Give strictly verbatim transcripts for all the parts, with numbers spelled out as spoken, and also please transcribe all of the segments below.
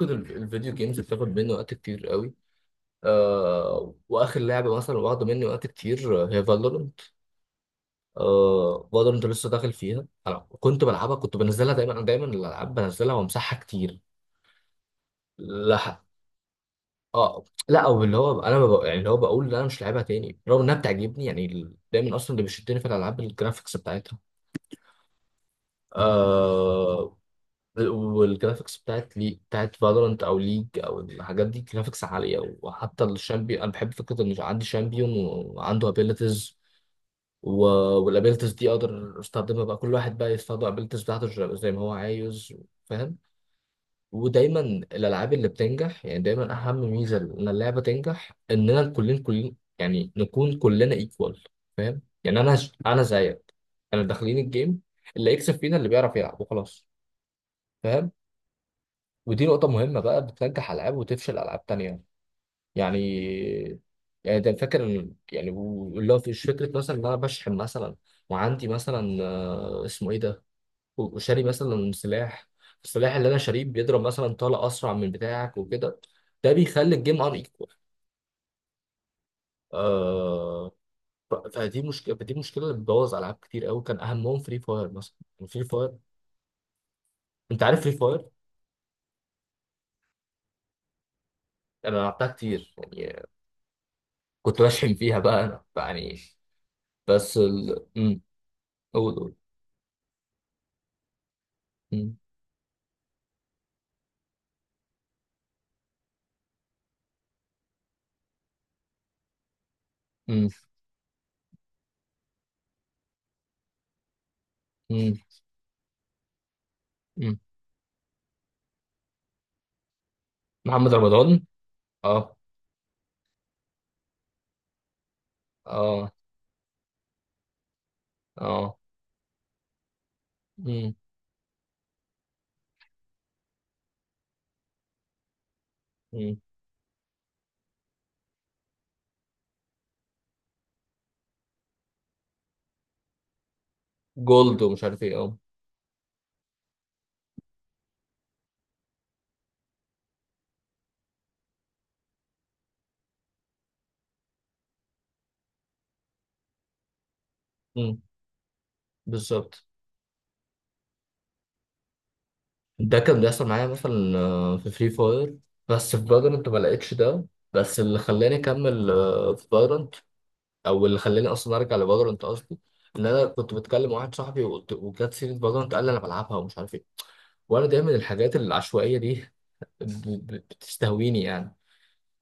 كده الفيديو جيمز بتاخد مني وقت كتير قوي. آه واخر لعبه مثلا واخده مني وقت كتير، آه، هي فالورنت. آه فالورنت لسه داخل فيها، انا كنت بلعبها، كنت بنزلها دايما. انا دايما الالعاب بنزلها وامسحها كتير. لا. اه لا، او اللي هو انا ببقى يعني اللي هو بقول لا انا مش لاعبها تاني رغم انها بتعجبني. يعني ال- دايما اصلا اللي بيشدني في الالعاب الجرافيكس بتاعتها. آه والجرافيكس بتاعت لي بتاعت فالورانت او ليج او الحاجات دي جرافيكس عاليه، وحتى الشامبيون انا بحب فكره ان عندي شامبيون وعنده ابيلتيز. والابيلتيز دي اقدر استخدمها بقى، كل واحد بقى يستخدم الابيلتيز بتاعته ج- زي ما هو عايز. فاهم. ودايما الالعاب اللي بتنجح، يعني دايما اهم ميزه ان اللعبه تنجح اننا كلنا كلنا يعني نكون كلنا ايكوال. فاهم. يعني انا انا زيك. انا داخلين الجيم، اللي يكسب فينا اللي بيعرف يلعب وخلاص. فاهم. ودي نقطة مهمة، بقى بتنجح ألعاب وتفشل ألعاب تانية، يعني. يعني ده فاكر إن- يعني و- اللي هو مش فكرة مثلا إن أنا بشحن مثلا، وعندي مثلا آه، اسمه إيه ده، و- وشاري مثلا سلاح، السلاح اللي أنا شاريه بيضرب مثلا طلقة أسرع من بتاعك وكده. ده بيخلي الجيم أن إيكوال. آه ف- فدي مشكلة فدي مشكلة اللي بتبوظ ألعاب كتير أوي، كان أهمهم فري فاير مثلا. فري فاير. أنت عارف فري فاير؟ أنا لعبتها كتير يعني، كنت بشحن فيها بقى أنا يعني. بس ال... مم. قول قول. مم. مم. مم. مم. محمد رمضان. اه. اه. اه. مم. مم. جولد ومش عارف ايه. اه. مم. بالظبط. ده كان بيحصل معايا مثلا آه، في فري فاير، بس في فالورانت ما لقيتش ده. بس اللي خلاني اكمل آه، في فالورانت، او اللي خلاني اصلا ارجع لفالورانت قصدي، ان انا كنت بتكلم مع واحد صاحبي وقلت- وجت سيره فالورانت، قال لي انا بلعبها ومش عارف ايه. وانا دايما الحاجات العشوائيه دي ب- ب- بتستهويني يعني.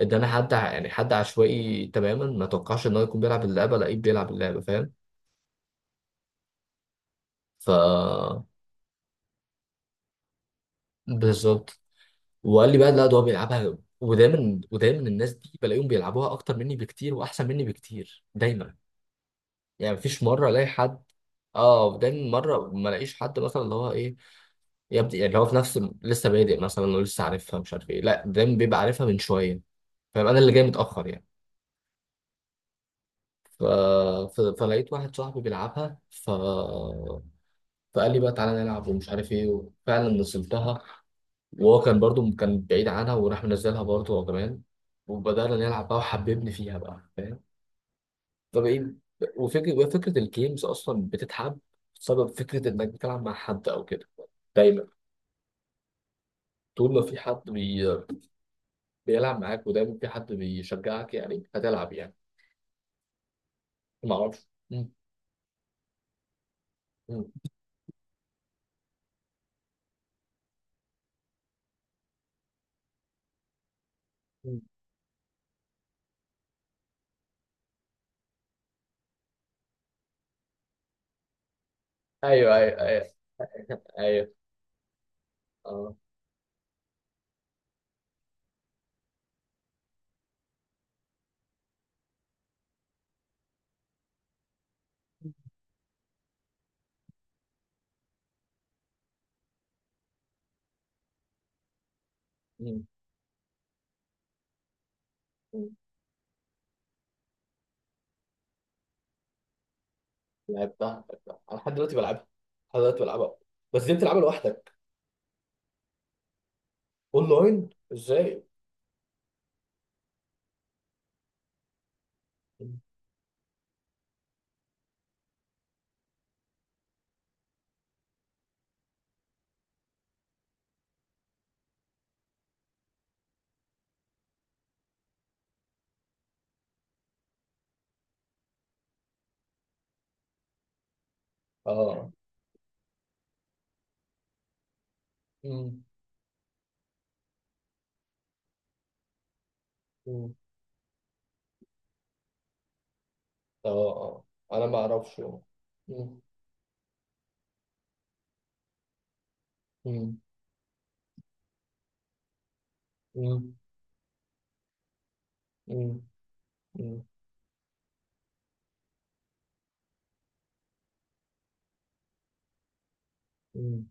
ادانا حد ع- يعني حد عشوائي تماما ما توقعش ان هو يكون بيلعب اللعبه، لقيه بيلعب اللعبه، فاهم؟ ف بالظبط. وقال لي بقى لا ده هو بيلعبها. ودايما ودايما الناس دي بلاقيهم بيلعبوها اكتر مني بكتير واحسن مني بكتير دايما، يعني مفيش مره الاقي حد. اه، دايما مره ما الاقيش حد مثلا اللي هو ايه، يبدأ يعني اللي هو في نفس لسه بادئ مثلا ولسه عارفها مش عارف ايه. لا، دايما بيبقى عارفها من شويه، فاهم، انا اللي جاي متاخر يعني. ف... ف... فلقيت واحد صاحبي بيلعبها، ف فقال لي بقى تعالى نلعب ومش عارف ايه، وفعلا نزلتها. وهو كان برضو كان بعيد عنها وراح منزلها برضو هو كمان، وبدأنا نلعب بقى وحببني فيها بقى، فاهم. فبقيت. وفكرة وفكرة الجيمز أصلا بتتحب بسبب فكرة إنك بتلعب مع حد أو كده، دايما. طول ما في حد بي... بيلعب معاك ودايما في حد بيشجعك يعني هتلعب يعني. ما أعرفش. مم. مم. مم. أيوه أيوه أيوه. أيوه. أه. مم. لعبتها لعبتها، انا لحد دلوقتي بلعبها، لحد دلوقتي بلعبها. بس دي بتلعبها لوحدك؟ اونلاين ازاي؟ اه. مم. مم. اه اه. انا ما اعرفش. مم. مم. مم. مم. مم. مم.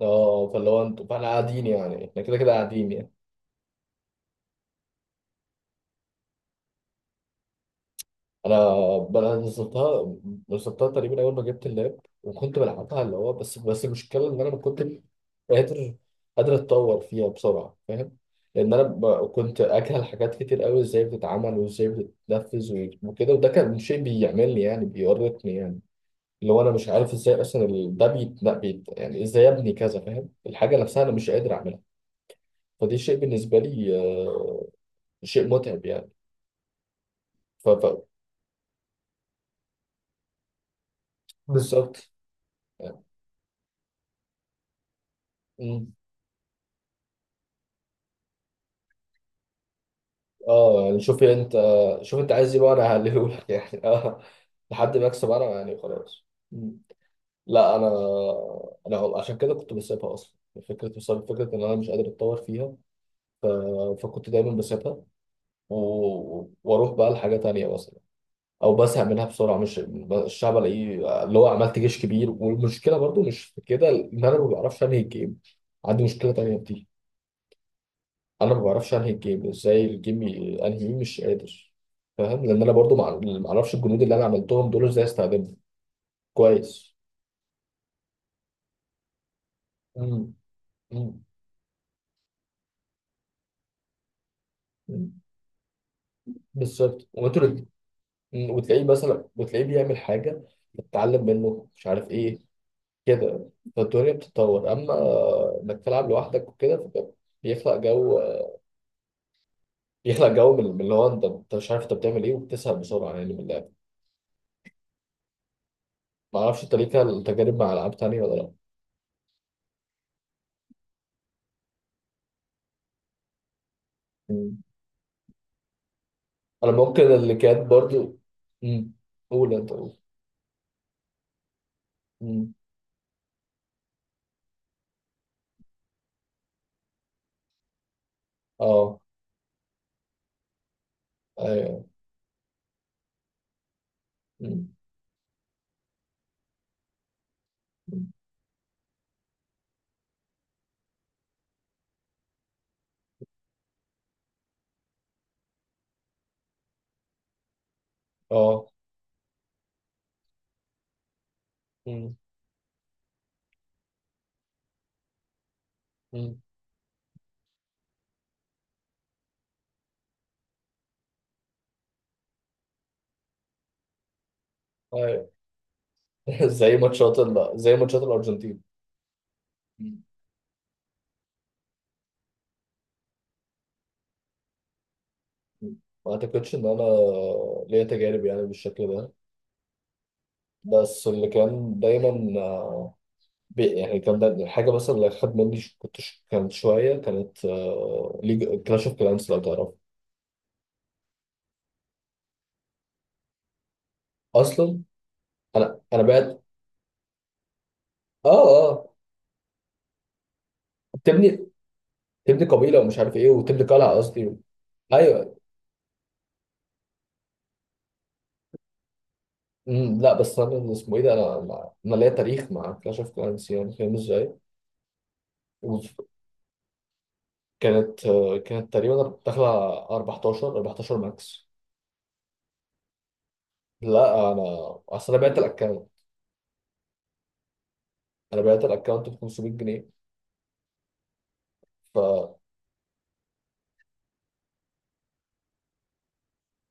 اه، فاللي هو انتوا، فاحنا قاعدين يعني، احنا كده كده قاعدين يعني. انا انا نزلتها، نزلتها تقريبا اول ما جبت اللاب وكنت بلعبها اللي هو، بس بس المشكله ان انا ما كنتش قادر، قادر اتطور فيها بسرعه، فاهم. لان انا ب- كنت اجهل حاجات كتير قوي ازاي بتتعمل وازاي بتتنفذ و- وكده، وده كان شيء بيعملني يعني بيورطني يعني. اللي هو انا مش عارف ازاي اصلا ال- ده بيت لا بيت يعني، ازاي ابني كذا، فاهم، الحاجه نفسها انا مش قادر اعملها. فدي شيء بالنسبه لي، آه، شيء متعب يعني. ف ف- مم. بالظبط. يعني. إمم. اه يعني، شوفي انت، شوف انت عايز ايه بقى، انا هقللهولك يعني اه. لحد ما اكسب انا يعني، خلاص. مم. لا انا انا عشان كده كنت بسيبها اصلا، فكره بسبب فكره ان انا مش قادر اتطور فيها. ف... فكنت دايما بسيبها و... واروح بقى لحاجه تانية مثلا، او بزهق منها بسرعه، مش الشعب الاقيه اللي هو عملت جيش كبير. والمشكله برضو مش في كده، ان انا ما بعرفش انهي الجيم، عندي مشكله تانية بتيجي. انا ما بعرفش انهي الجيم، ازاي الجيم ي- انهي مش قادر، فاهم، لان انا برضو مع- ما اعرفش الجنود اللي انا عملتهم دول ازاي استخدمهم كويس. مم. مم. مم. بالظبط. وانتوا الات- مم. وتلاقيه مثلا وتلاقيه بيعمل حاجه، بتتعلم منه مش عارف ايه كده، فالدنيا بتتطور، اما انك تلعب لوحدك وكده فده بيخلق جو، بيخلق جو من من اللي هو انت انت مش عارف انت بتعمل ايه وبتسهل بسرعه يعني من اللعب. ما اعرفش، انت ليك تجارب مع العاب تانيه ولا لا؟ انا ممكن اللي كانت برضو، امم. قول انت قول. امم. اه. ايوه. امم. أمم. اه. امم. أمم. ايوه زي ماتشات ال... زي ماتشات الارجنتين. أمم. أمم. ما اعتقدش ان انا ليا تجارب يعني بالشكل ده، بس اللي كان دايما آه، بي... يعني كان دايما الحاجه مثلا اللي خد مني ش... كنت ش... كانت شويه، كانت آه... ليج كلاش اوف كلانس، لو تعرف اصلا. انا انا بعت. اه اه. تبني تبني قبيله ومش عارف ايه، وتبني قلعه قصدي. ايوه. أمم. لا بس انا اللي اسمه ايه ده، انا انا أنا ليا تاريخ مع كلاش اوف كلانس يعني، فاهم ازاي. وف- كانت آه، كانت تقريبا داخله على اربعة عشر اربعة عشر ماكس. لا انا اصل انا بعت الاكونت، انا بعت الاكونت ب خمسميت جنيه.